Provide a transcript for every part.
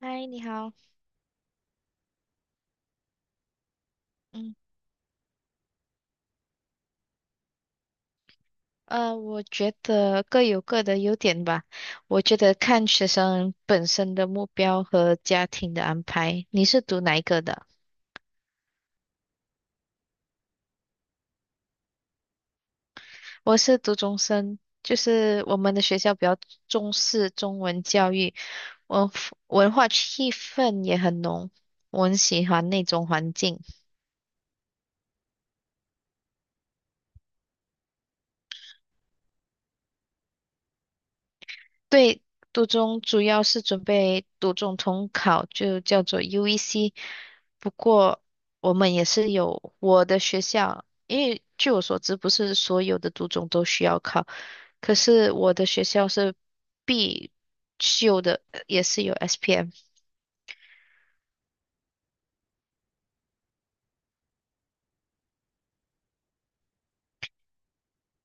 嗨，你好。嗯，我觉得各有各的优点吧。我觉得看学生本身的目标和家庭的安排。你是读哪一个的？我是读中生，就是我们的学校比较重视中文教育，文文化气氛也很浓，我很喜欢那种环境。对，读中主要是准备读中统考，就叫做 UEC。不过我们也是有我的学校，因为据我所知，不是所有的读中都需要考。可是我的学校是必修的，也是有 SPM。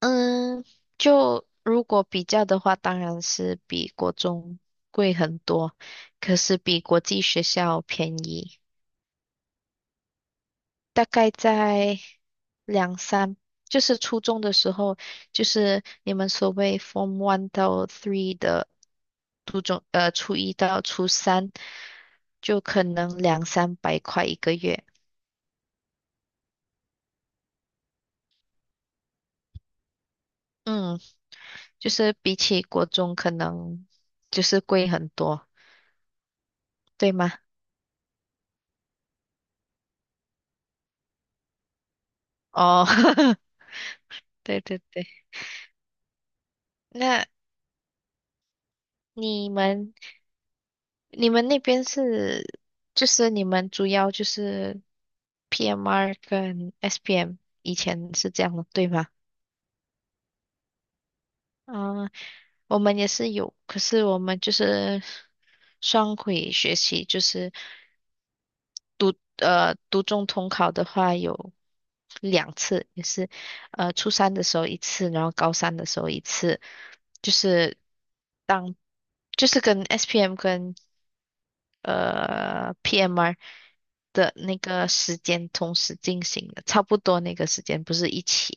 嗯，就如果比较的话，当然是比国中贵很多，可是比国际学校便宜。大概在两三，就是初中的时候，就是你们所谓 Form One 到 Three 的初中，初一到初三，就可能200~300块1个月。嗯，就是比起国中可能就是贵很多，对吗？哦，对对对，那你们你们那边是，就是你们主要就是 PMR 跟 SPM，以前是这样的，对吗？啊、我们也是有，可是我们就是双轨学习，就是读中统考的话有2次，也是呃初三的时候一次，然后高三的时候一次，就是当就是跟 SPM 跟PMR 的那个时间同时进行的，差不多那个时间不是一起。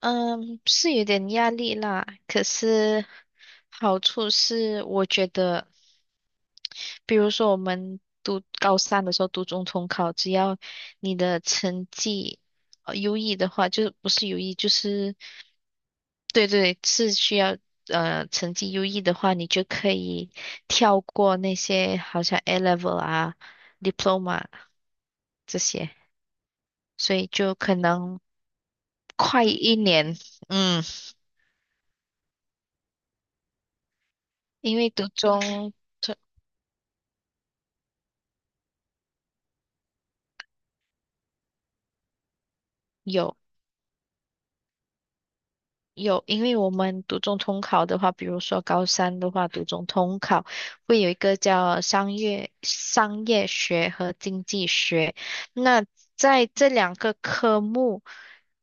嗯，是有点压力啦，可是好处是我觉得。比如说我们读高三的时候读中统考，只要你的成绩呃优异的话，就不是优异，就是对对，是需要呃成绩优异的话，你就可以跳过那些好像 A level 啊、diploma 这些，所以就可能快1年。嗯，因为读中有。有，因为我们读中通考的话，比如说高三的话，读中通考会有一个叫商业学和经济学。那在这两个科目，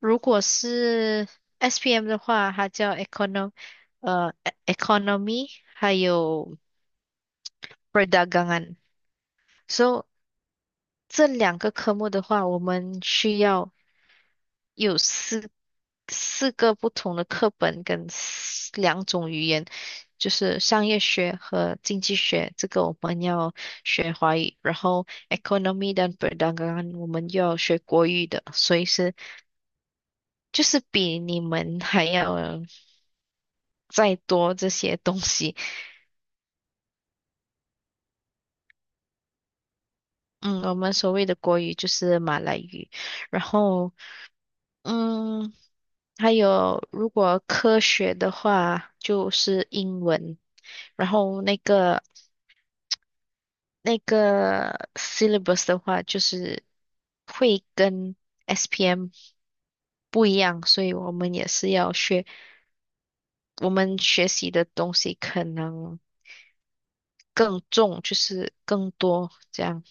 如果是 SPM 的话，它叫 呃 e- c o n o m y 还有 perdagangan。So 这两个科目的话，我们需要。有四个不同的课本跟四2种语言，就是商业学和经济学，这个我们要学华语，然后 economy 跟 p e r d n g a 我们要学国语的，所以是就是比你们还要再多这些东西。嗯，我们所谓的国语就是马来语，然后嗯，还有如果科学的话就是英文。然后那个 syllabus 的话，就是会跟 SPM 不一样，所以我们也是要学，我们学习的东西可能更重，就是更多这样。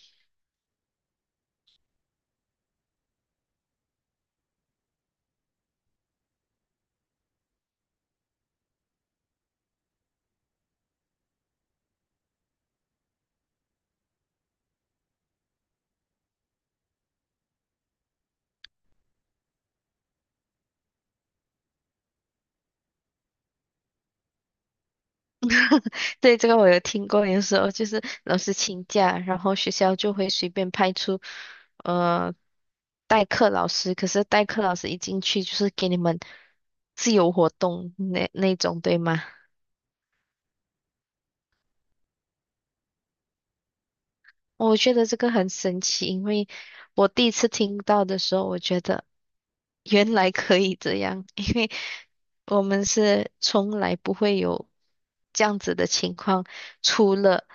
对，这个我有听过，有时候就是老师请假，然后学校就会随便派出呃代课老师，可是代课老师一进去就是给你们自由活动那种，对吗？我觉得这个很神奇，因为我第一次听到的时候，我觉得原来可以这样，因为我们是从来不会有这样子的情况，除了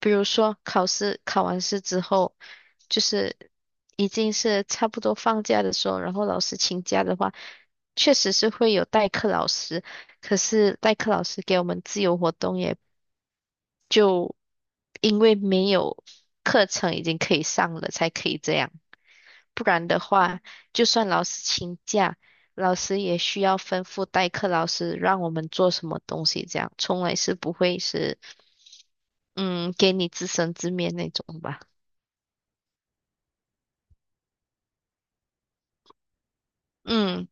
比如说考完试之后，就是已经是差不多放假的时候，然后老师请假的话，确实是会有代课老师，可是代课老师给我们自由活动也。就因为没有课程已经可以上了，才可以这样。不然的话，就算老师请假，老师也需要吩咐代课老师让我们做什么东西，这样从来是不会是嗯给你自生自灭那种吧。嗯，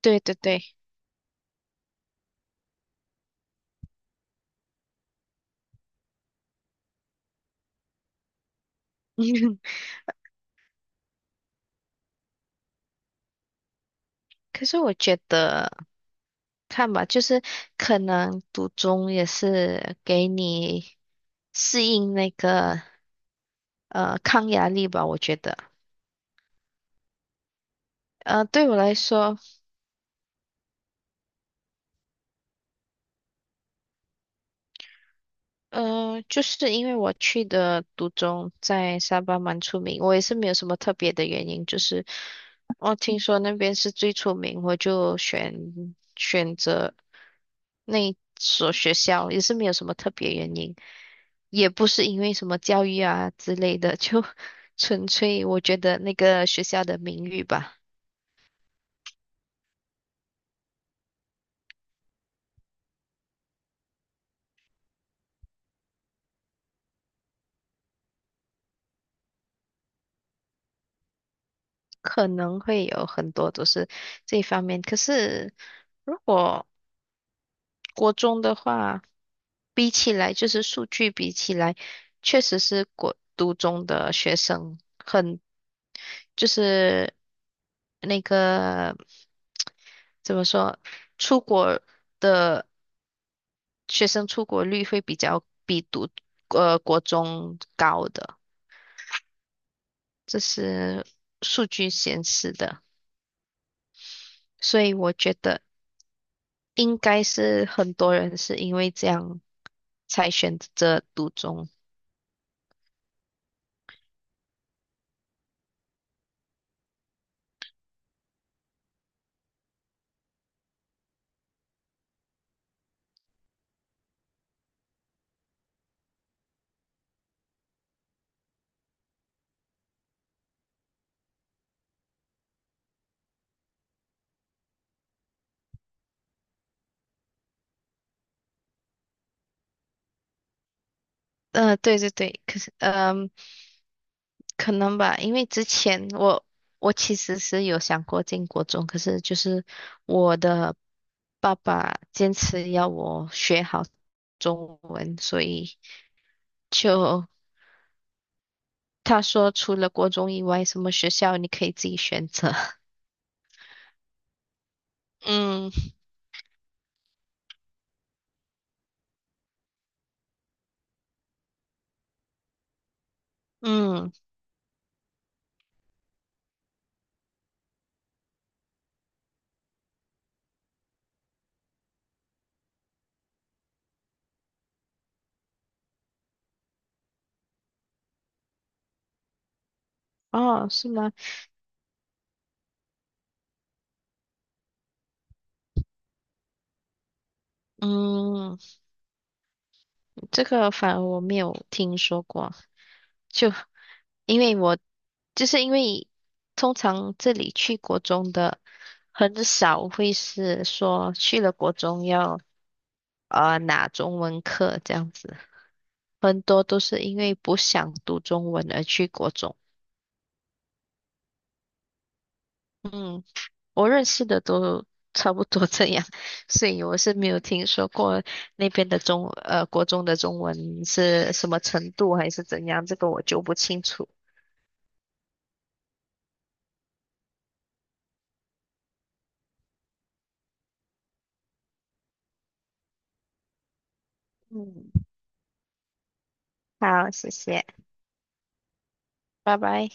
对对对，可是我觉得，看吧，就是可能读中也是给你适应那个抗压力吧，我觉得。呃，对我来说，嗯、就是因为我去的独中在沙巴蛮出名，我也是没有什么特别的原因，就是我听说那边是最出名，我就选择那所学校，也是没有什么特别原因，也不是因为什么教育啊之类的，就 纯粹我觉得那个学校的名誉吧，可能会有很多都是这一方面，可是如果国中的话。比起来，就是数据比起来，确实是国读中的学生很，就是那个怎么说，出国的学生出国率会比国中高的，这是数据显示的，所以我觉得应该是很多人是因为这样才选择读中。嗯，对对对，可是嗯。可能吧，因为之前我其实是有想过进国中，可是就是我的爸爸坚持要我学好中文，所以就他说除了国中以外，什么学校你可以自己选择。嗯嗯，哦，是吗？嗯，这个反而我没有听说过。就因为我就是因为通常这里去国中的很少会是说去了国中要拿中文课这样子，很多都是因为不想读中文而去国中。嗯，我认识的都差不多这样，所以我是没有听说过那边的国中的中文是什么程度还是怎样，这个我就不清楚。嗯，好，谢谢，拜拜。